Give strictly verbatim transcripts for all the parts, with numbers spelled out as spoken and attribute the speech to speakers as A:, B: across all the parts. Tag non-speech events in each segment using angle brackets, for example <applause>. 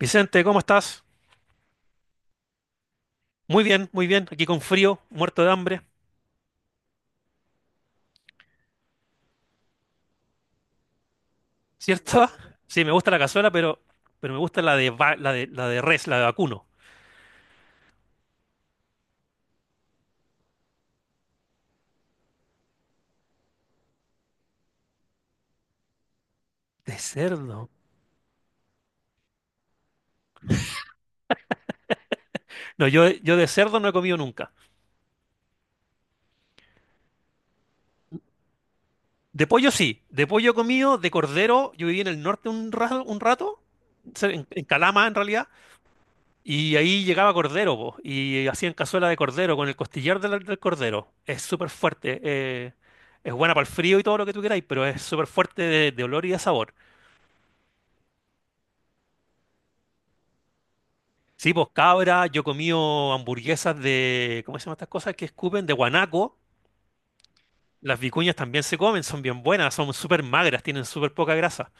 A: Vicente, ¿cómo estás? Muy bien, muy bien. Aquí con frío, muerto de hambre, ¿cierto? Sí, me gusta la cazuela, pero, pero me gusta la de, va- la de, la de res, la de vacuno. De cerdo. No, yo, yo de cerdo no he comido nunca. De pollo sí, de pollo he comido, de cordero. Yo viví en el norte un, ra- un rato, se- en, en Calama en realidad, y ahí llegaba cordero, po, y hacían cazuela de cordero con el costillar del, del cordero. Es súper fuerte. Eh, es buena para el frío y todo lo que tú queráis, pero es súper fuerte de de olor y de sabor. Sí, pues cabra, yo he comido hamburguesas de, ¿cómo se llaman estas cosas que escupen? De guanaco. Las vicuñas también se comen, son bien buenas, son súper magras, tienen súper poca grasa.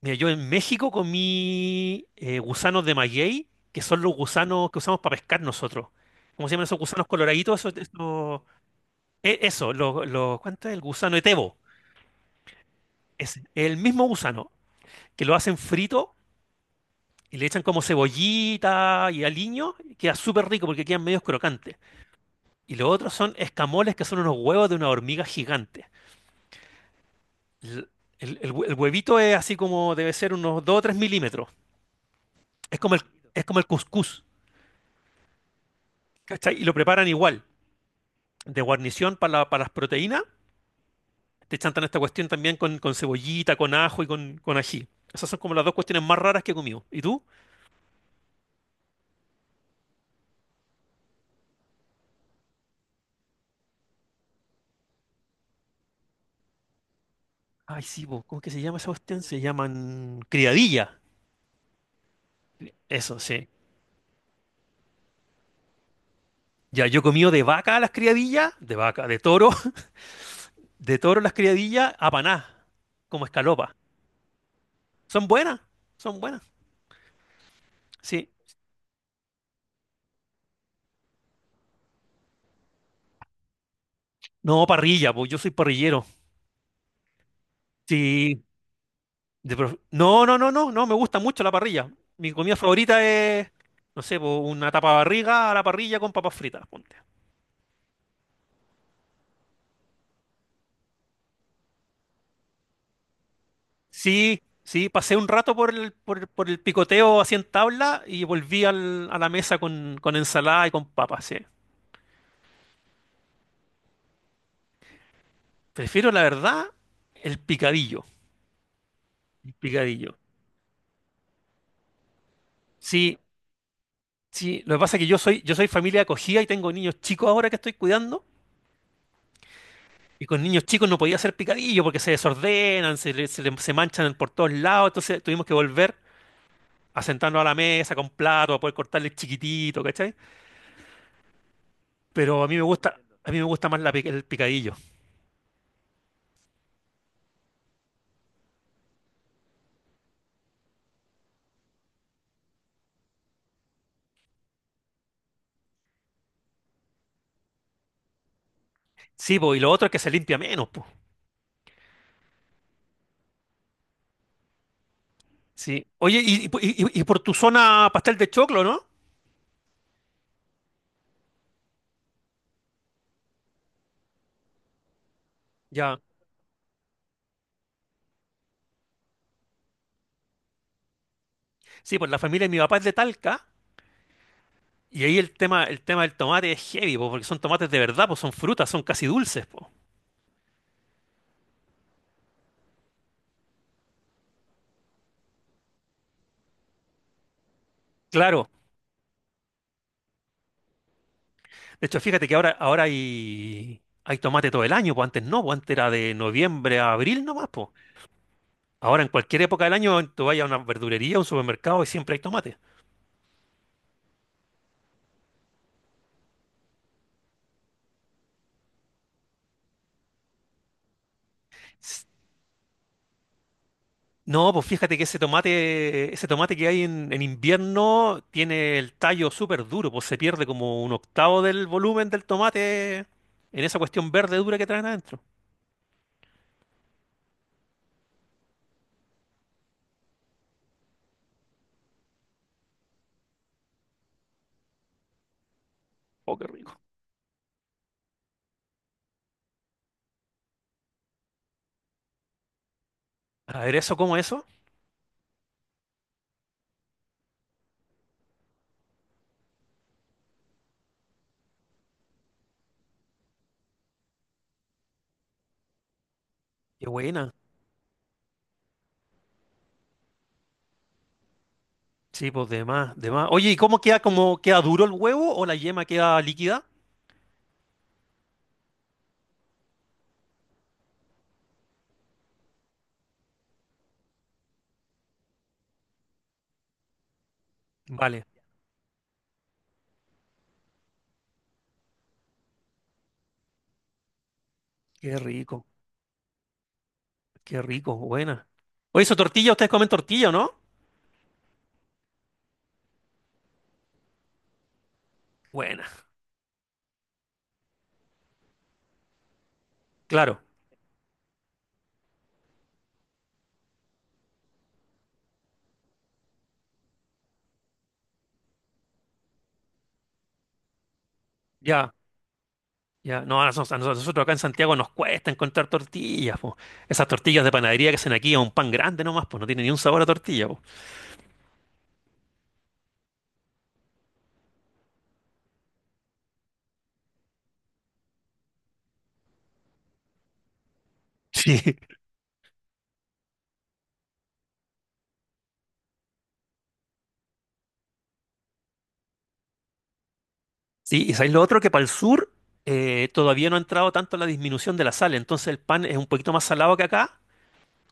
A: Mira, yo en México comí eh, gusanos de maguey, que son los gusanos que usamos para pescar nosotros. ¿Cómo se llaman esos gusanos coloraditos? Eso, eso. E- eso, lo- lo- ¿cuánto es el gusano etebo? Es el mismo gusano, que lo hacen frito y le echan como cebollita y aliño, y queda súper rico porque quedan medios crocantes. Y lo otro son escamoles que son unos huevos de una hormiga gigante. L- El, el hue- el huevito es así como debe ser unos dos o tres milímetros. Es como el, es como el cuscús, ¿cachai? Y lo preparan igual, de guarnición para, la- para las proteínas. Te chantan esta cuestión también con, con cebollita, con ajo y con, con ají. Esas son como las dos cuestiones más raras que he comido. ¿Y tú? Ay, sí, po, ¿cómo que se llama esa cuestión? Se llaman criadilla. Eso, sí. Ya, yo he comido de vaca las criadillas, de vaca, de toro, <laughs> de toro las criadillas, apaná, como escalopa. Son buenas, son buenas. Sí. No, parrilla, pues yo soy parrillero. Sí. de prof- No, no, no, no, no, me gusta mucho la parrilla. Mi comida favorita es, no sé, pues, una tapa barriga a la parrilla con papas fritas, ponte. Sí, sí, pasé un rato por el, por, el por el picoteo así en tabla y volví al- a la mesa con, con ensalada y con papas, sí. Prefiero, la verdad, el picadillo. El picadillo. Sí, sí, lo que pasa es que yo soy, yo soy familia acogida y tengo niños chicos ahora que estoy cuidando. Y con niños chicos no podía hacer picadillo porque se desordenan, se, le- se le- se manchan por todos lados. Entonces tuvimos que volver a sentarnos a la mesa con plato, a poder cortarle chiquitito, ¿cachai? Pero a mí me gusta, a mí me gusta más la pic- el picadillo. Sí, pues, y lo otro es que se limpia menos, pues. Sí. Oye, y, y y- y- por tu zona pastel de choclo, ¿no? Ya. Sí, pues la familia de mi papá es de Talca. Y ahí el tema, el tema del tomate es heavy, po, porque son tomates de verdad, pues son frutas, son casi dulces, pues. Claro. De hecho, fíjate que ahora, ahora hay, hay tomate todo el año, pues antes no, pues antes era de noviembre a abril nomás, pues. Ahora en cualquier época del año tú vayas a una verdulería, a un supermercado y siempre hay tomate. S- No, pues fíjate que ese tomate, ese tomate que hay en, en invierno tiene el tallo súper duro, pues se pierde como un octavo del volumen del tomate en esa cuestión verde dura que traen adentro. Oh, qué rico. A ver, ¿eso cómo eso? Qué buena. Sí, pues de más, de más. Oye, ¿y cómo queda, como queda duro el huevo o la yema queda líquida? Vale. Qué rico, qué rico, buena. Oye, eso tortilla, ustedes comen tortilla, ¿o no? Buena, claro, ya, ya. No, a nosotros, a nosotros acá en Santiago nos cuesta encontrar tortillas, po. Esas tortillas de panadería que hacen aquí a un pan grande nomás, pues no tiene ni un sabor a tortilla, po. <laughs> Sí, sí, y sabéis lo otro que para el sur eh, todavía no ha entrado tanto la disminución de la sal, entonces el pan es un poquito más salado que acá.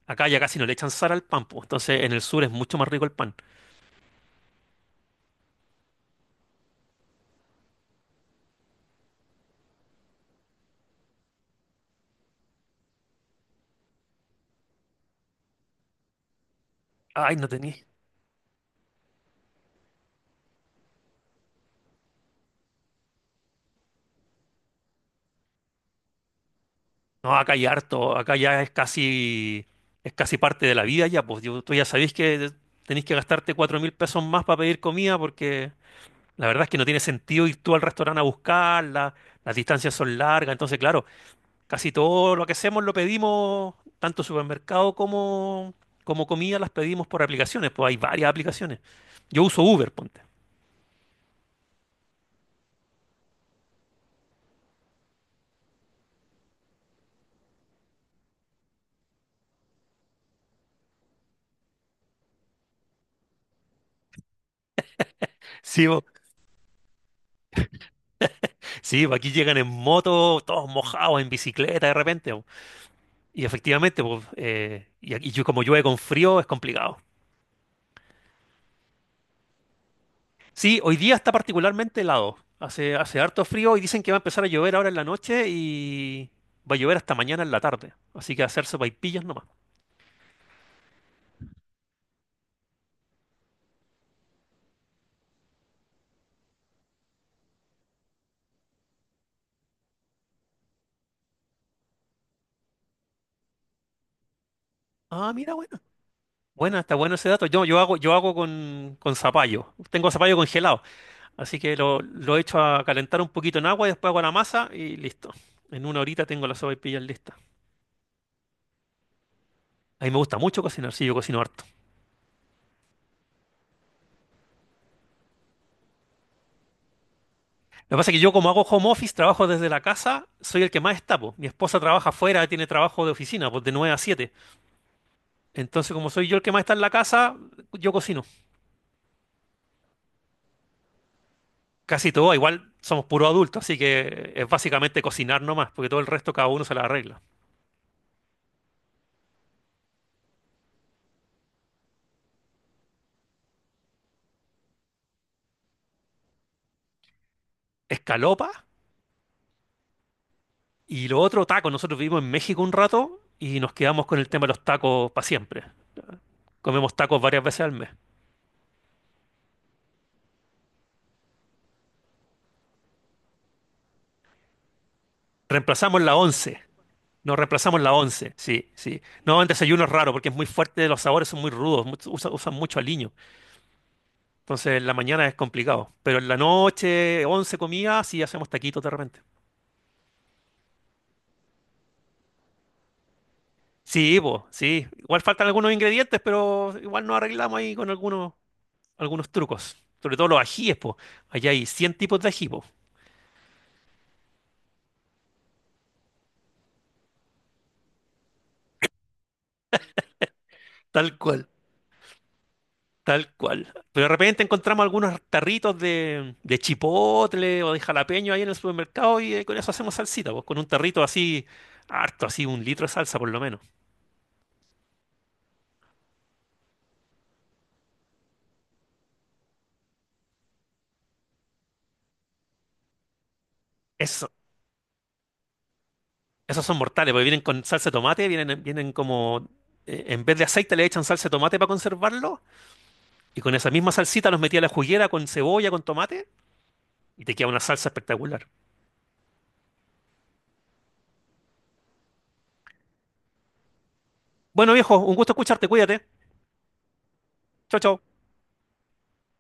A: Acá ya casi no le echan sal al pan, pues. Entonces en el sur es mucho más rico el pan. Ay, no tenía. No, acá hay harto, acá ya es casi, es casi, parte de la vida ya, pues yo- tú ya sabéis que tenéis que gastarte cuatro mil pesos más para pedir comida porque la verdad es que no tiene sentido ir tú al restaurante a buscarla, las distancias son largas, entonces claro, casi todo lo que hacemos lo pedimos, tanto supermercado como, como comida las pedimos por aplicaciones, pues hay varias aplicaciones. Yo uso Uber, ponte. Sí, po, sí, po, aquí llegan en moto, todos mojados, en bicicleta de repente. Y efectivamente, pues, eh, y, aquí- yo- como llueve con frío, es complicado. Sí, hoy día está particularmente helado. Hace, hace harto frío y dicen que va a empezar a llover ahora en la noche y va a llover hasta mañana en la tarde. Así que hacer sopaipillas nomás. Ah, mira, bueno. Buena, está bueno ese dato. Yo, yo hago, yo hago con, con zapallo. Tengo zapallo congelado. Así que lo, lo echo a calentar un poquito en agua y después hago la masa y listo. En una horita tengo las sopaipillas listas. A mí me gusta mucho cocinar, sí, yo cocino harto. Lo que pasa es que yo como hago home office, trabajo desde la casa, soy el que más está, po. Mi esposa trabaja afuera, tiene trabajo de oficina, pues de nueve a siete. Entonces, como soy yo el que más está en la casa, yo cocino. Casi todo, igual somos puros adultos, así que es básicamente cocinar nomás, porque todo el resto cada uno se la arregla. Escalopa y lo otro, tacos. Nosotros vivimos en México un rato y nos quedamos con el tema de los tacos para siempre. Comemos tacos varias veces al mes. Reemplazamos la once. Nos reemplazamos la once, sí, sí. No, el desayuno es raro porque es muy fuerte, los sabores son muy rudos, much- usa- usan mucho aliño. Entonces, en la mañana es complicado. Pero en la noche, once comidas, sí hacemos taquitos de repente. Sí, pues, sí. Igual faltan algunos ingredientes, pero igual nos arreglamos ahí con algunos, algunos trucos. Sobre todo los ajíes, pues. Allá hay cien tipos de ají, po. Tal cual. Tal cual. Pero de repente encontramos algunos tarritos de, de chipotle o de jalapeño ahí en el supermercado y eh, con eso hacemos salsita, pues con un tarrito así, harto, así un litro de salsa por lo menos. Eso, esos son mortales, porque vienen con salsa de tomate, vienen, vienen como, eh, en vez de aceite le echan salsa de tomate para conservarlo y con esa misma salsita los metí a la juguera con cebolla, con tomate y te queda una salsa espectacular. Bueno, viejo, un gusto escucharte, cuídate. Chao, chao.